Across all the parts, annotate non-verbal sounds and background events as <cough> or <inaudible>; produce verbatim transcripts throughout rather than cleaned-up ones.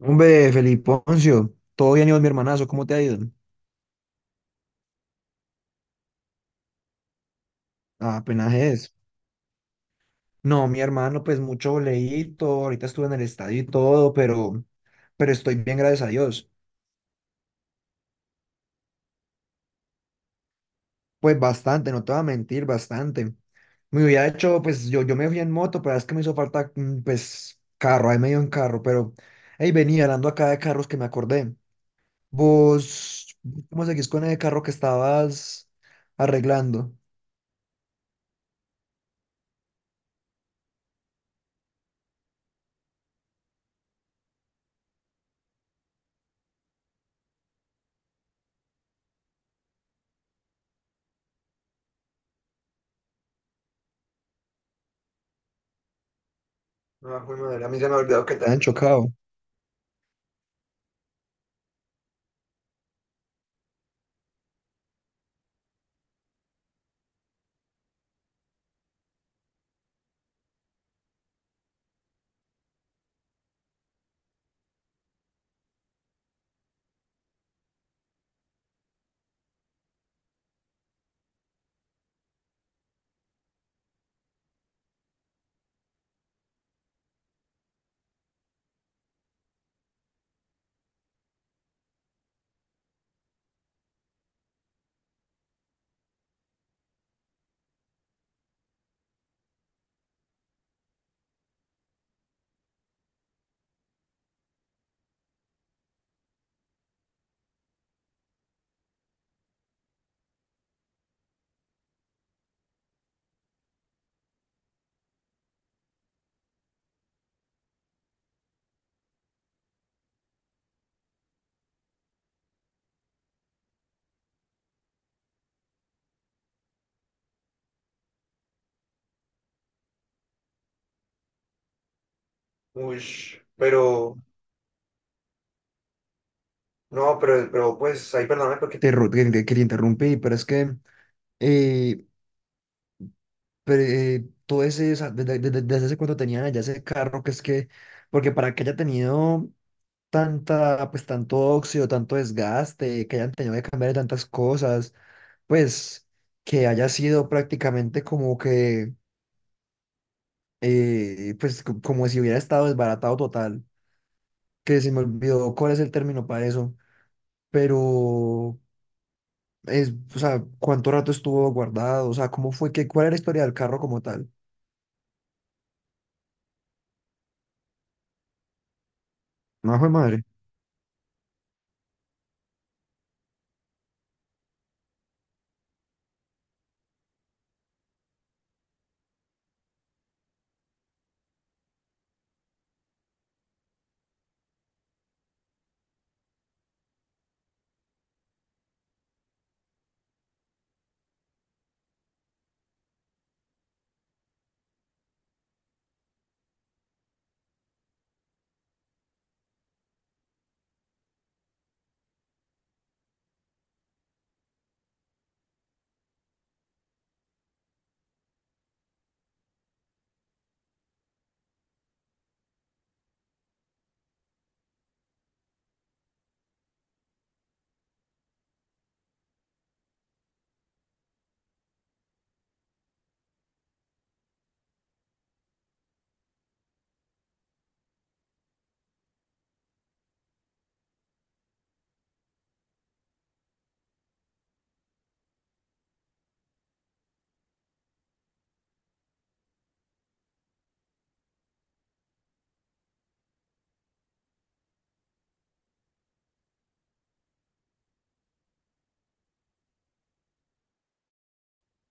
Hombre, Feliponcio, todo bien, Iván, mi hermanazo, ¿cómo te ha ido? Ah, apenas es. No, mi hermano, pues mucho leíto, ahorita estuve en el estadio y todo, pero, pero estoy bien, gracias a Dios. Pues bastante, no te voy a mentir, bastante. Me hubiera hecho, pues yo, yo me fui en moto, pero es que me hizo falta, mm, pues, carro, ahí medio en carro, pero, hey, venía hablando acá de carros que me acordé. ¿Vos cómo seguís con ese carro que estabas arreglando? Ah, joder, madre, a mí se me ha olvidado que te han chocado. Uy, pero, no, pero, pero pues ahí perdóname porque te, ru- que, que te interrumpí, pero es que eh, pero eh, todo ese, esa- desde, desde, desde hace cuando tenía ya ese carro, que es que, porque para que haya tenido tanta, pues tanto óxido, tanto desgaste, que hayan tenido que cambiar tantas cosas, pues que haya sido prácticamente como que, eh, pues co- como si hubiera estado desbaratado total, que se me olvidó cuál es el término para eso, pero... Es, o sea, ¿cuánto rato estuvo guardado? O sea, ¿cómo fue que, cuál era la historia del carro como tal? No fue madre.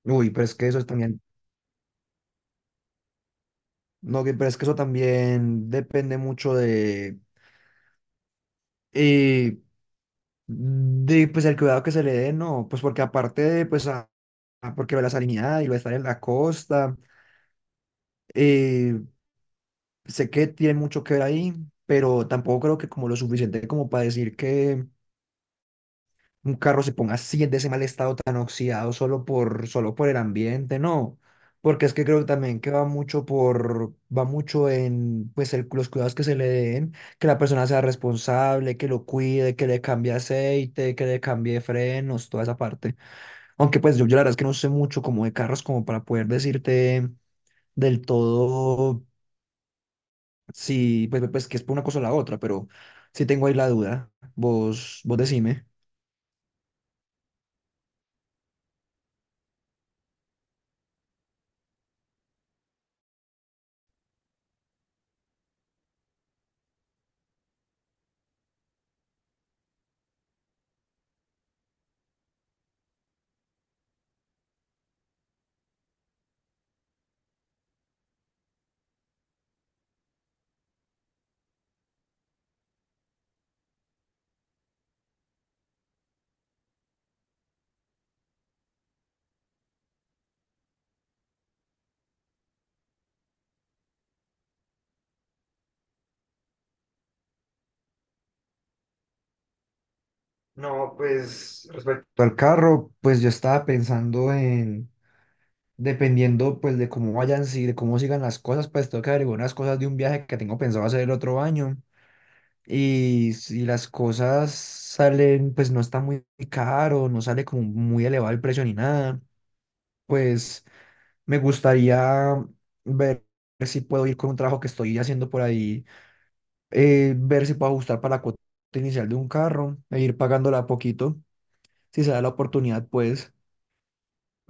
Uy, pero es que eso es también, no, que- pero es que eso también depende mucho de, eh, de, pues, el cuidado que se le dé, ¿no? Pues porque aparte de, pues, a- a- porque la salinidad y lo de estar en la costa, eh, sé que tiene mucho que ver ahí, pero tampoco creo que como lo suficiente como para decir que un carro se ponga así en ese mal estado tan oxidado solo por, solo por el ambiente, no. Porque es que creo también que va mucho por, va mucho en, pues, el- los cuidados que se le den, que la persona sea responsable, que lo cuide, que le cambie aceite, que le cambie frenos, toda esa parte. Aunque pues yo, yo la verdad es que no sé mucho como de carros como para poder decirte del todo si, pues, pues que es por una cosa o la otra, pero sí tengo ahí la duda. Vos, vos decime. No, pues respecto al carro, pues yo estaba pensando en, dependiendo pues de cómo vayan, si, de cómo sigan las cosas, pues tengo que averiguar unas cosas de un viaje que tengo pensado hacer el otro año. Y si las cosas salen, pues no está muy caro, no sale como muy elevado el precio ni nada, pues me gustaría ver si puedo ir con un trabajo que estoy haciendo por ahí, eh, ver si puedo ajustar para la cuota inicial de un carro e ir pagándola a poquito, si se da la oportunidad, pues.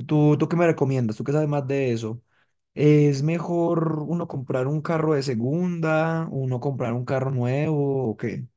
¿Tú, tú qué me recomiendas? ¿Tú qué sabes más de eso? ¿Es mejor uno comprar un carro de segunda, uno comprar un carro nuevo o qué?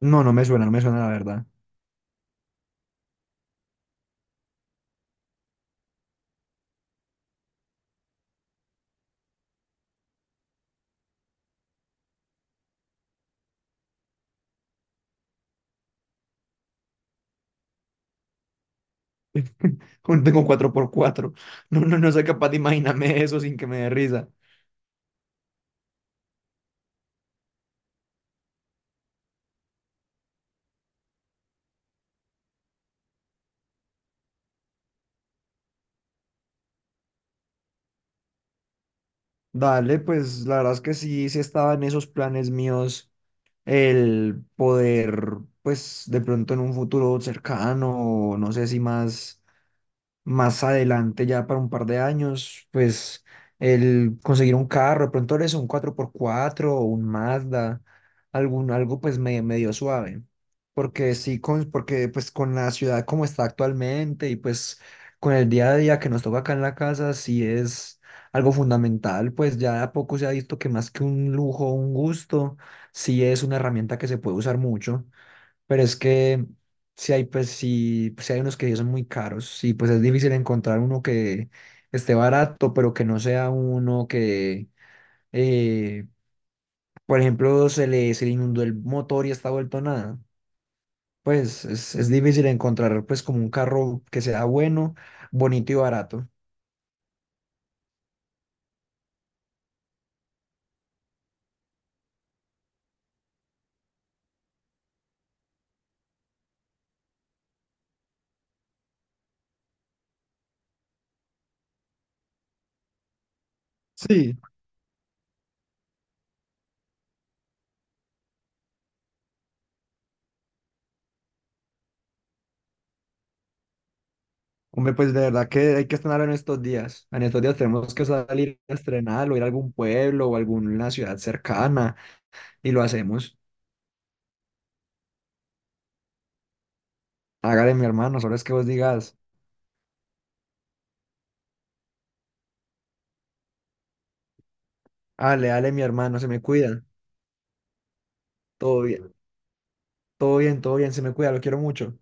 No, no me suena, no me suena la verdad. <laughs> Tengo cuatro por cuatro. No, no, no soy capaz de imaginarme eso sin que me dé risa. Dale, pues la verdad es que sí, sí estaba en esos planes míos el poder, pues de pronto en un futuro cercano, no sé si más, más adelante, ya para un par de años, pues el conseguir un carro, de pronto eso un cuatro por cuatro o un Mazda, algún, algo pues me- medio suave. Porque sí, con, porque pues con la ciudad como está actualmente y pues con el día a día que nos toca acá en la casa, sí es algo fundamental, pues ya de a poco se ha visto que más que un lujo, un gusto, sí es una herramienta que se puede usar mucho. Pero es que si hay, pues, si, pues, si hay unos que sí son muy caros, y pues es difícil encontrar uno que esté barato, pero que no sea uno que, eh, por ejemplo, se le, se le inundó el motor y está vuelto nada. Pues es, es difícil encontrar pues como un carro que sea bueno, bonito y barato. Sí, hombre, pues de verdad que hay que estrenar en estos días. En estos días tenemos que salir a estrenar o ir a algún pueblo o alguna ciudad cercana y lo hacemos. Hágale mi hermano, solo es que vos digas, dale, dale mi hermano, se me cuida, todo bien, todo bien, todo bien, se me cuida, lo quiero mucho.